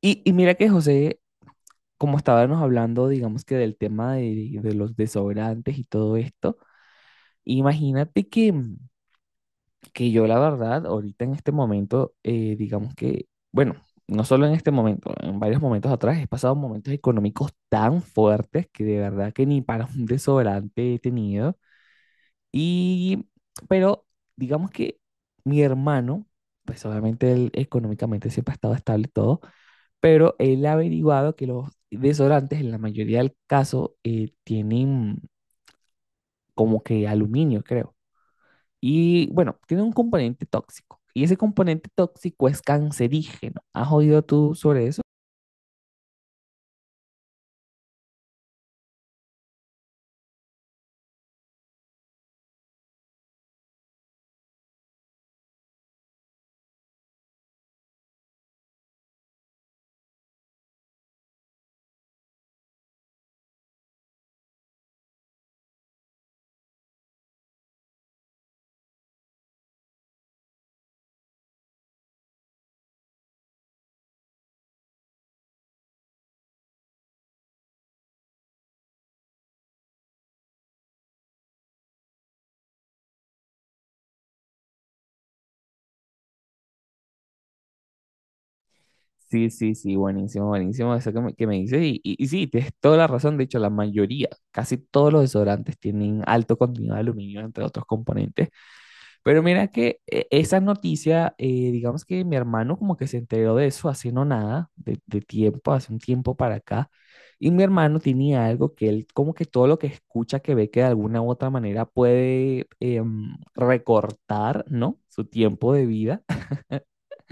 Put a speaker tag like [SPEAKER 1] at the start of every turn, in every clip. [SPEAKER 1] Y mira que José, como estábamos hablando, digamos que del tema de los desobrantes y todo esto, imagínate que yo la verdad, ahorita en este momento, digamos que, bueno, no solo en este momento, en varios momentos atrás he pasado momentos económicos tan fuertes que de verdad que ni para un desobrante he tenido. Y, pero digamos que mi hermano, pues obviamente él económicamente siempre ha estado estable y todo. Pero él ha averiguado que los desodorantes en la mayoría del caso tienen como que aluminio, creo. Y bueno, tiene un componente tóxico. Y ese componente tóxico es cancerígeno. ¿Has oído tú sobre eso? Sí, sí, sí, buenísimo, buenísimo eso que me dices. Y, y sí, tienes toda la razón. De hecho, la mayoría, casi todos los desodorantes tienen alto contenido de aluminio, entre otros componentes. Pero mira que esa noticia, digamos que mi hermano como que se enteró de eso hace no nada, de tiempo, hace un tiempo para acá. Y mi hermano tenía algo que él como que todo lo que escucha, que ve que de alguna u otra manera puede recortar, ¿no? Su tiempo de vida,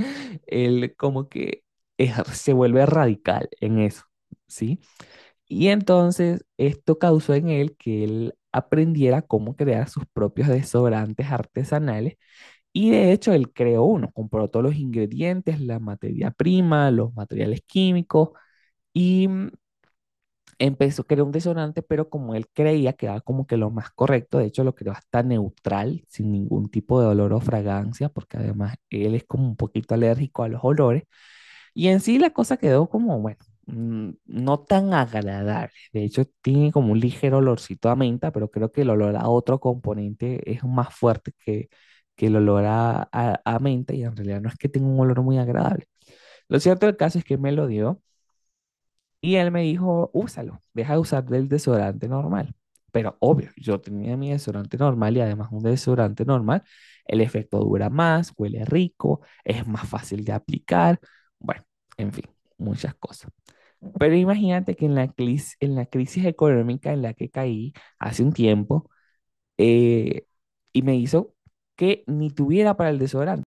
[SPEAKER 1] él como que se vuelve radical en eso, ¿sí? Y entonces esto causó en él que él aprendiera cómo crear sus propios desodorantes artesanales y de hecho, él creó uno, compró todos los ingredientes, la materia prima, los materiales químicos y empezó a crear un desodorante, pero como él creía que era como que lo más correcto, de hecho lo creó hasta neutral, sin ningún tipo de olor o fragancia, porque además él es como un poquito alérgico a los olores, y en sí la cosa quedó como, bueno, no tan agradable. De hecho, tiene como un ligero olorcito a menta, pero creo que el olor a otro componente es más fuerte que el olor a, a menta y en realidad no es que tenga un olor muy agradable. Lo cierto del caso es que me lo dio. Y él me dijo, úsalo, deja de usar el desodorante normal. Pero obvio, yo tenía mi desodorante normal y además un desodorante normal, el efecto dura más, huele rico, es más fácil de aplicar, bueno, en fin, muchas cosas. Pero imagínate que en la, en la crisis económica en la que caí hace un tiempo, eh, y me hizo que ni tuviera para el desodorante.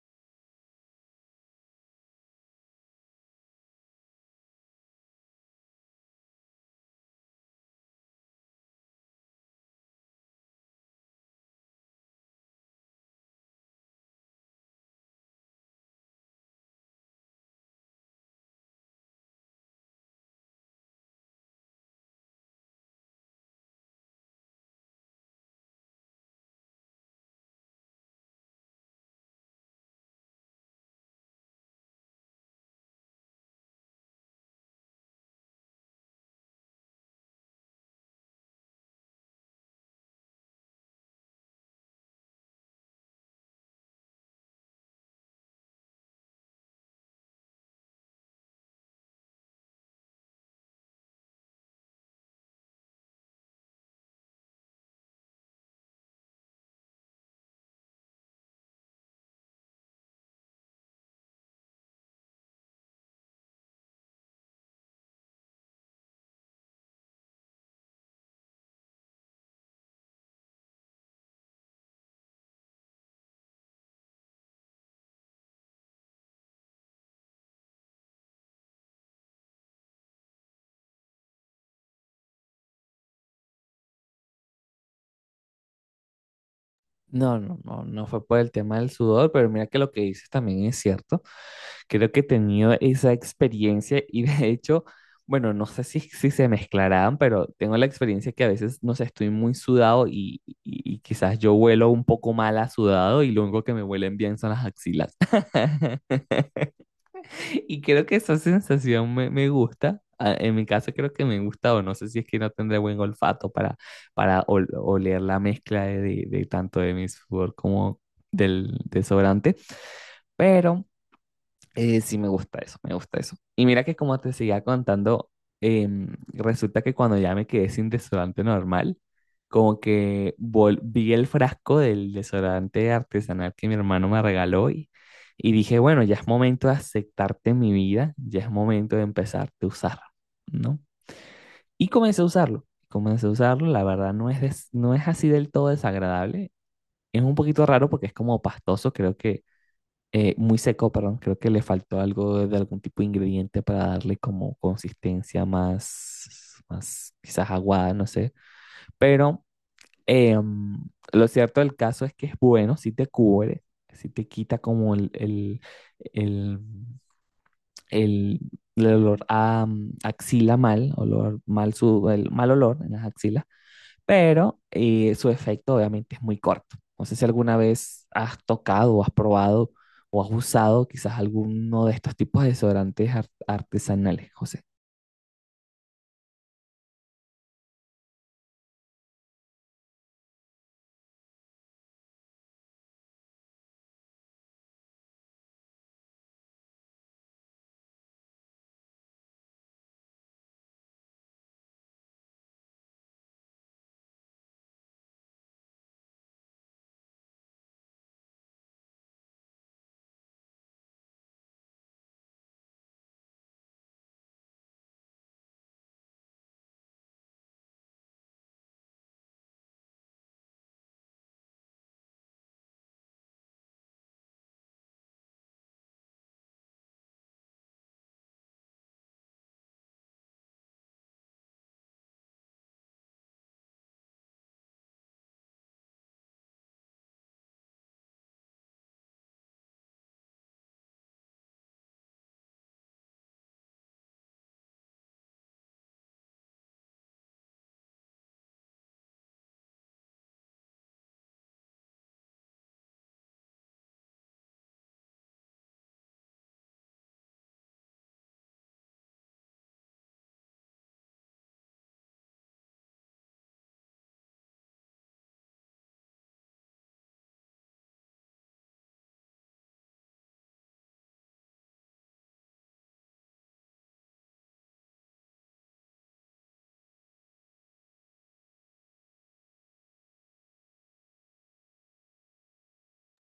[SPEAKER 1] No, no, no, no fue por el tema del sudor, pero mira que lo que dices también es cierto. Creo que he tenido esa experiencia y de hecho, bueno, no sé si, si se mezclarán, pero tengo la experiencia que a veces, no sé, estoy muy sudado y, y quizás yo huelo un poco mal a sudado y lo único que me huelen bien son las axilas. Y creo que esa sensación me, me gusta. Ah, en mi caso creo que me gusta o no sé si es que no tendré buen olfato para oler la mezcla de, de tanto de mi sudor como del desodorante. Pero sí, me gusta eso, me gusta eso. Y mira que como te seguía contando, resulta que cuando ya me quedé sin desodorante normal, como que vi el frasco del desodorante artesanal que mi hermano me regaló y dije, bueno, ya es momento de aceptarte en mi vida, ya es momento de empezarte a usar, ¿no? Y comencé a usarlo, la verdad no es, no es así del todo desagradable, es un poquito raro porque es como pastoso, creo que muy seco, perdón, creo que le faltó algo de algún tipo de ingrediente para darle como consistencia más, más quizás aguada, no sé. Pero eh, lo cierto del caso es que es bueno, si te cubre, si te quita como el, el- el olor a axila mal, olor mal, su, el mal olor en las axilas pero su efecto obviamente es muy corto. ¿No sé si alguna vez has tocado o has probado o has usado quizás alguno de estos tipos de desodorantes artesanales, José?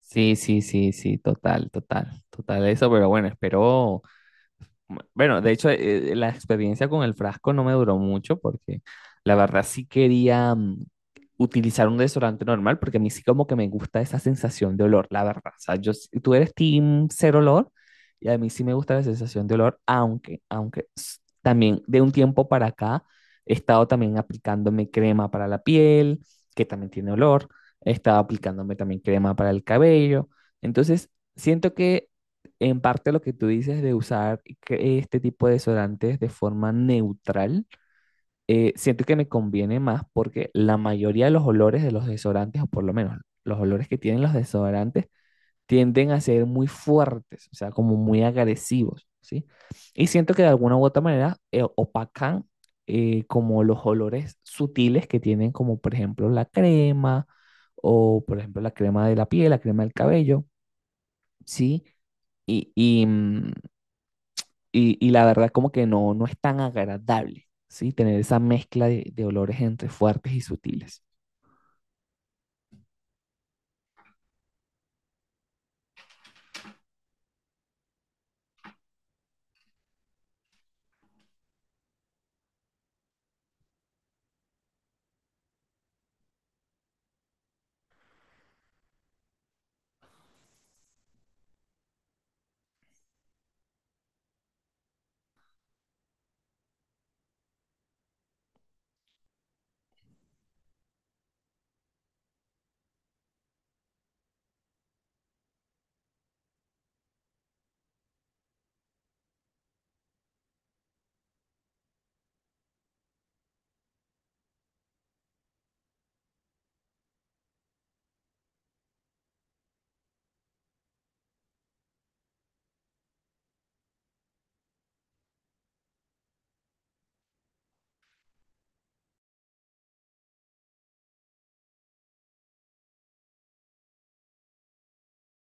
[SPEAKER 1] Sí, sí, sí, sí, total, total, total eso, pero bueno, espero, bueno, de hecho la experiencia con el frasco no me duró mucho porque la verdad sí quería utilizar un desodorante normal, porque a mí sí como que me gusta esa sensación de olor, la verdad. O sea, yo, tú eres team cero olor y a mí sí me gusta la sensación de olor, aunque, aunque también de un tiempo para acá he estado también aplicándome crema para la piel, que también tiene olor, he estado aplicándome también crema para el cabello. Entonces, siento que en parte lo que tú dices de usar que este tipo de desodorantes de forma neutral siento que me conviene más porque la mayoría de los olores de los desodorantes, o por lo menos los olores que tienen los desodorantes, tienden a ser muy fuertes, o sea, como muy agresivos, ¿sí? Y siento que de alguna u otra manera opacan como los olores sutiles que tienen, como por ejemplo la crema, o por ejemplo la crema de la piel, la crema del cabello, ¿sí? Y, y la verdad como que no, no es tan agradable, ¿sí? Tener esa mezcla de olores entre fuertes y sutiles.